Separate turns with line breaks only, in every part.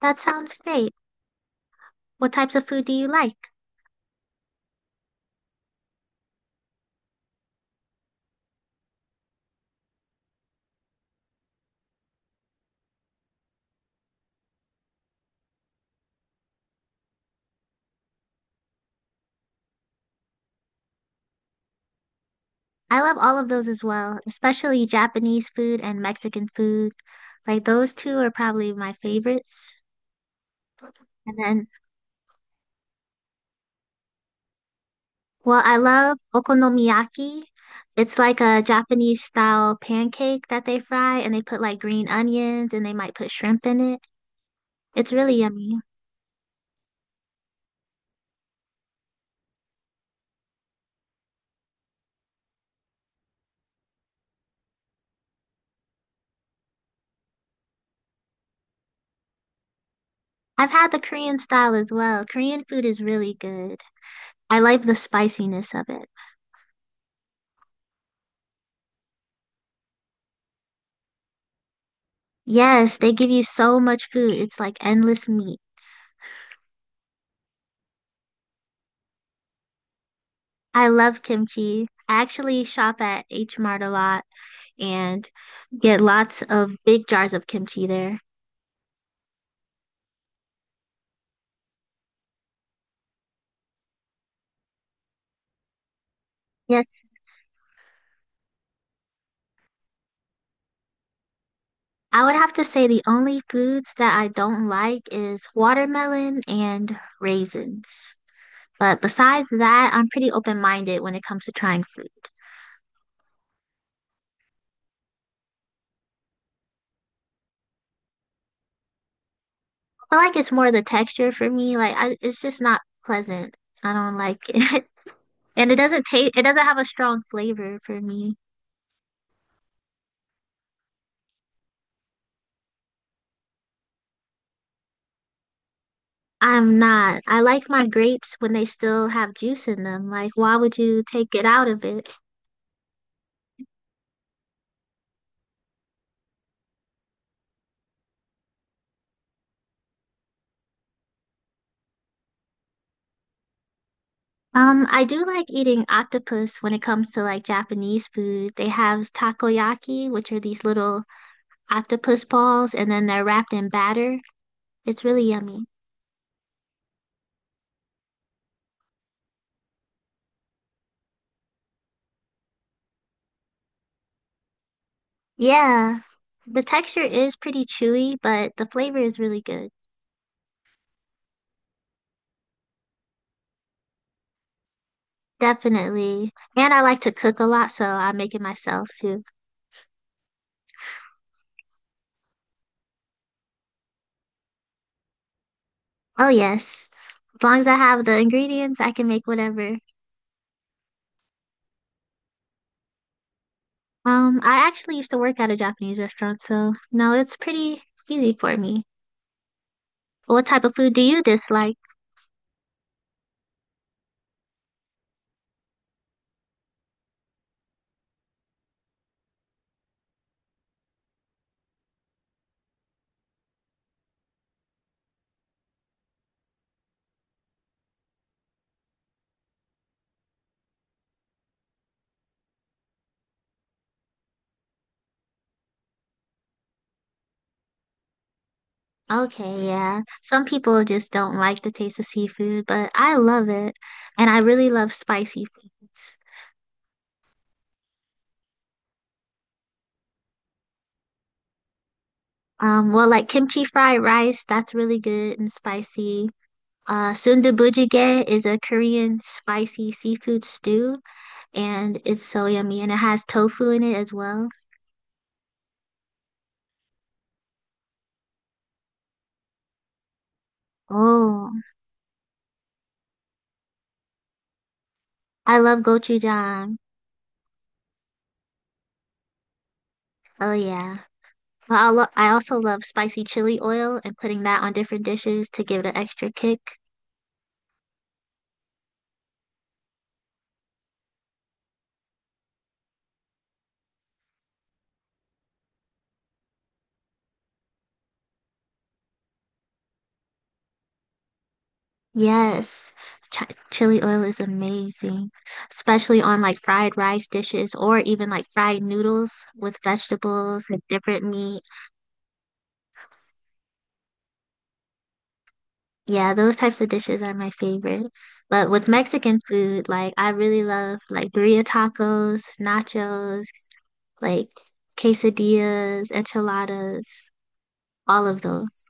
That sounds great. What types of food do you like? I love all of those as well, especially Japanese food and Mexican food. Like those two are probably my favorites. And then, well, I love okonomiyaki. It's like a Japanese style pancake that they fry and they put like green onions and they might put shrimp in it. It's really yummy. I've had the Korean style as well. Korean food is really good. I like the spiciness of it. Yes, they give you so much food. It's like endless meat. I love kimchi. I actually shop at H Mart a lot and get lots of big jars of kimchi there. Yes, I would have to say the only foods that I don't like is watermelon and raisins. But besides that, I'm pretty open-minded when it comes to trying food. I like it's more the texture for me. Like I, it's just not pleasant. I don't like it. And it doesn't taste, it doesn't have a strong flavor for me. I'm not. I like my grapes when they still have juice in them. Like, why would you take it out of it? I do like eating octopus when it comes to like Japanese food. They have takoyaki, which are these little octopus balls, and then they're wrapped in batter. It's really yummy. Yeah. The texture is pretty chewy, but the flavor is really good. Definitely. And I like to cook a lot, so I make it myself too. Oh, yes. As long as I have the ingredients, I can make whatever. I actually used to work at a Japanese restaurant, so no, it's pretty easy for me. What type of food do you dislike? Okay, yeah. Some people just don't like the taste of seafood, but I love it. And I really love spicy foods. Well, like kimchi fried rice, that's really good and spicy. Sundubujjigae is a Korean spicy seafood stew, and it's so yummy, and it has tofu in it as well. Oh, I love gochujang. Oh, yeah. But I also love spicy chili oil and putting that on different dishes to give it an extra kick. Yes, chi chili oil is amazing, especially on like fried rice dishes or even like fried noodles with vegetables and different meat. Yeah, those types of dishes are my favorite. But with Mexican food, like I really love like birria tacos, nachos, like quesadillas, enchiladas, all of those.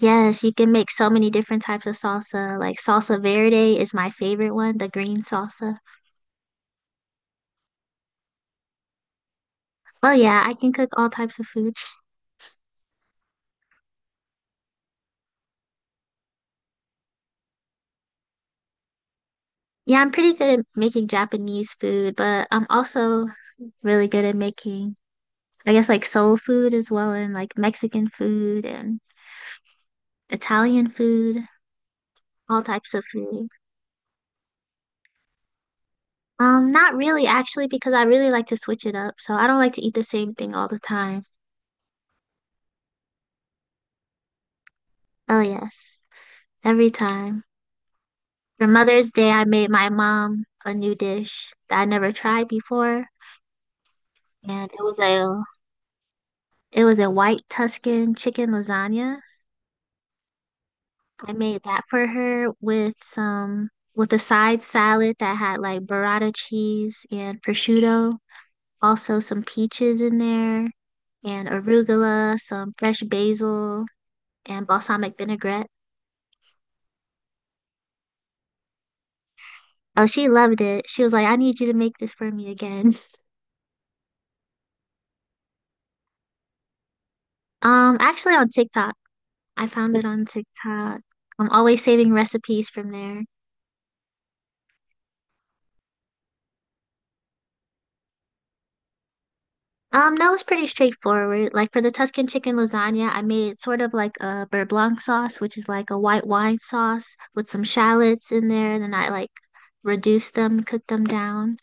Yes, you can make so many different types of salsa. Like salsa verde is my favorite one, the green salsa. Well, yeah, I can cook all types of food. Yeah, I'm pretty good at making Japanese food, but I'm also really good at making, I guess, like soul food as well, and like Mexican food and Italian food, all types of food. Not really, actually, because I really like to switch it up. So I don't like to eat the same thing all the time. Oh, yes, every time. For Mother's Day, I made my mom a new dish that I never tried before, and it was a white Tuscan chicken lasagna. I made that for her with a side salad that had like burrata cheese and prosciutto, also some peaches in there and arugula, some fresh basil and balsamic vinaigrette. Oh, she loved it. She was like, "I need you to make this for me again." Actually on TikTok. I found it on TikTok. I'm always saving recipes from there. That was pretty straightforward. Like for the Tuscan chicken lasagna, I made sort of like a beurre blanc sauce, which is like a white wine sauce with some shallots in there. Then I like reduced them, cooked them down,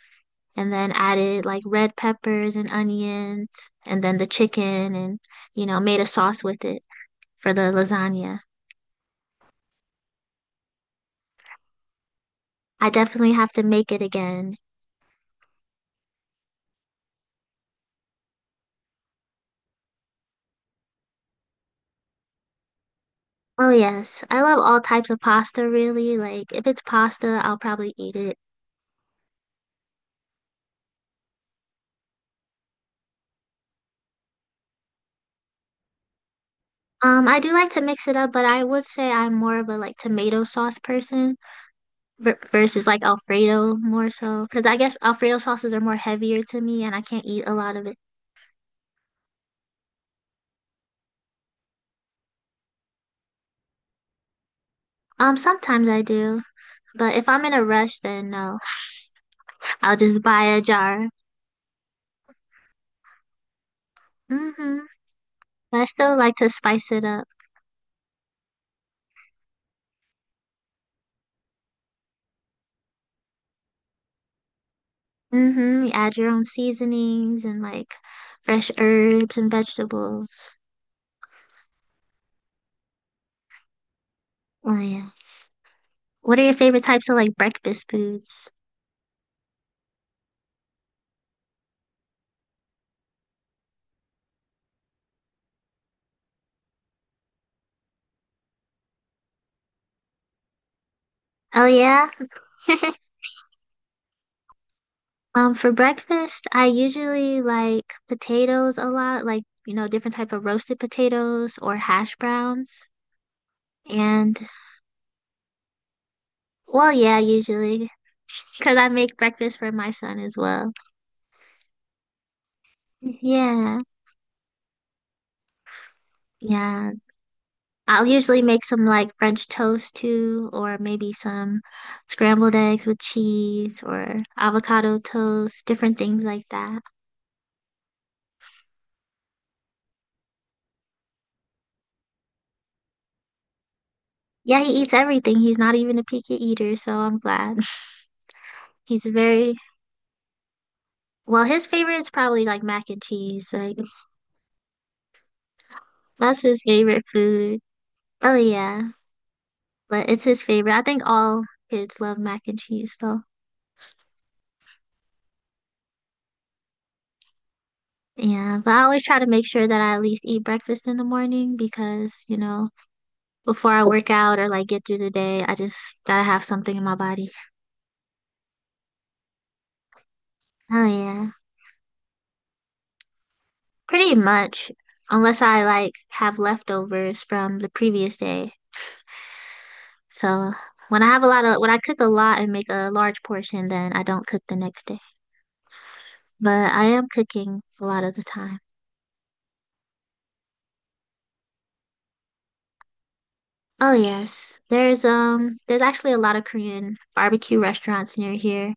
and then added like red peppers and onions, and then the chicken, and you know, made a sauce with it for the lasagna. I definitely have to make it again. Oh yes, I love all types of pasta really. Like if it's pasta, I'll probably eat it. I do like to mix it up, but I would say I'm more of a like tomato sauce person versus like Alfredo more so, because I guess Alfredo sauces are more heavier to me and I can't eat a lot of it. Sometimes I do, but if I'm in a rush, then no, I'll just buy a jar. Mm-hmm. But I still like to spice it up. Mm-hmm. You add your own seasonings and like fresh herbs and vegetables. Oh yes. What are your favorite types of like breakfast foods? Oh yeah. For breakfast, I usually like potatoes a lot, like, you know, different type of roasted potatoes or hash browns. And Well, yeah, usually because I make breakfast for my son as well. Yeah. Yeah. I'll usually make some like French toast too, or maybe some scrambled eggs with cheese or avocado toast, different things like that. Yeah, he eats everything. He's not even a picky eater, so I'm glad. He's very, well, his favorite is probably like mac and cheese. Like that's his favorite food. Oh yeah, but it's his favorite. I think all kids love mac and cheese though. Yeah, but I always try to make sure that I at least eat breakfast in the morning because, you know, before I work out or like get through the day, I just gotta have something in my body. Oh yeah, pretty much. Unless I like have leftovers from the previous day. So when I have when I cook a lot and make a large portion, then I don't cook the next day. But I am cooking a lot of the time. Oh yes, there's actually a lot of Korean barbecue restaurants near here,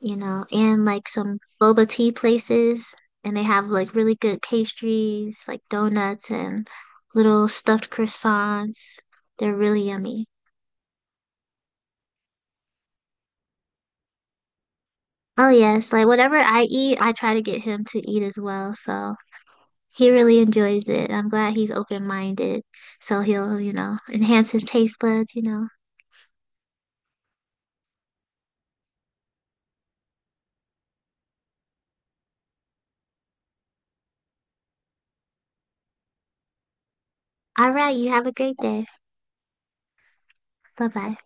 you know, and like some boba tea places, and they have like really good pastries, like donuts and little stuffed croissants. They're really yummy. Oh yes, like whatever I eat, I try to get him to eat as well. So he really enjoys it. I'm glad he's open-minded. So he'll, you know, enhance his taste buds, you know. All right, you have a great day. Bye-bye.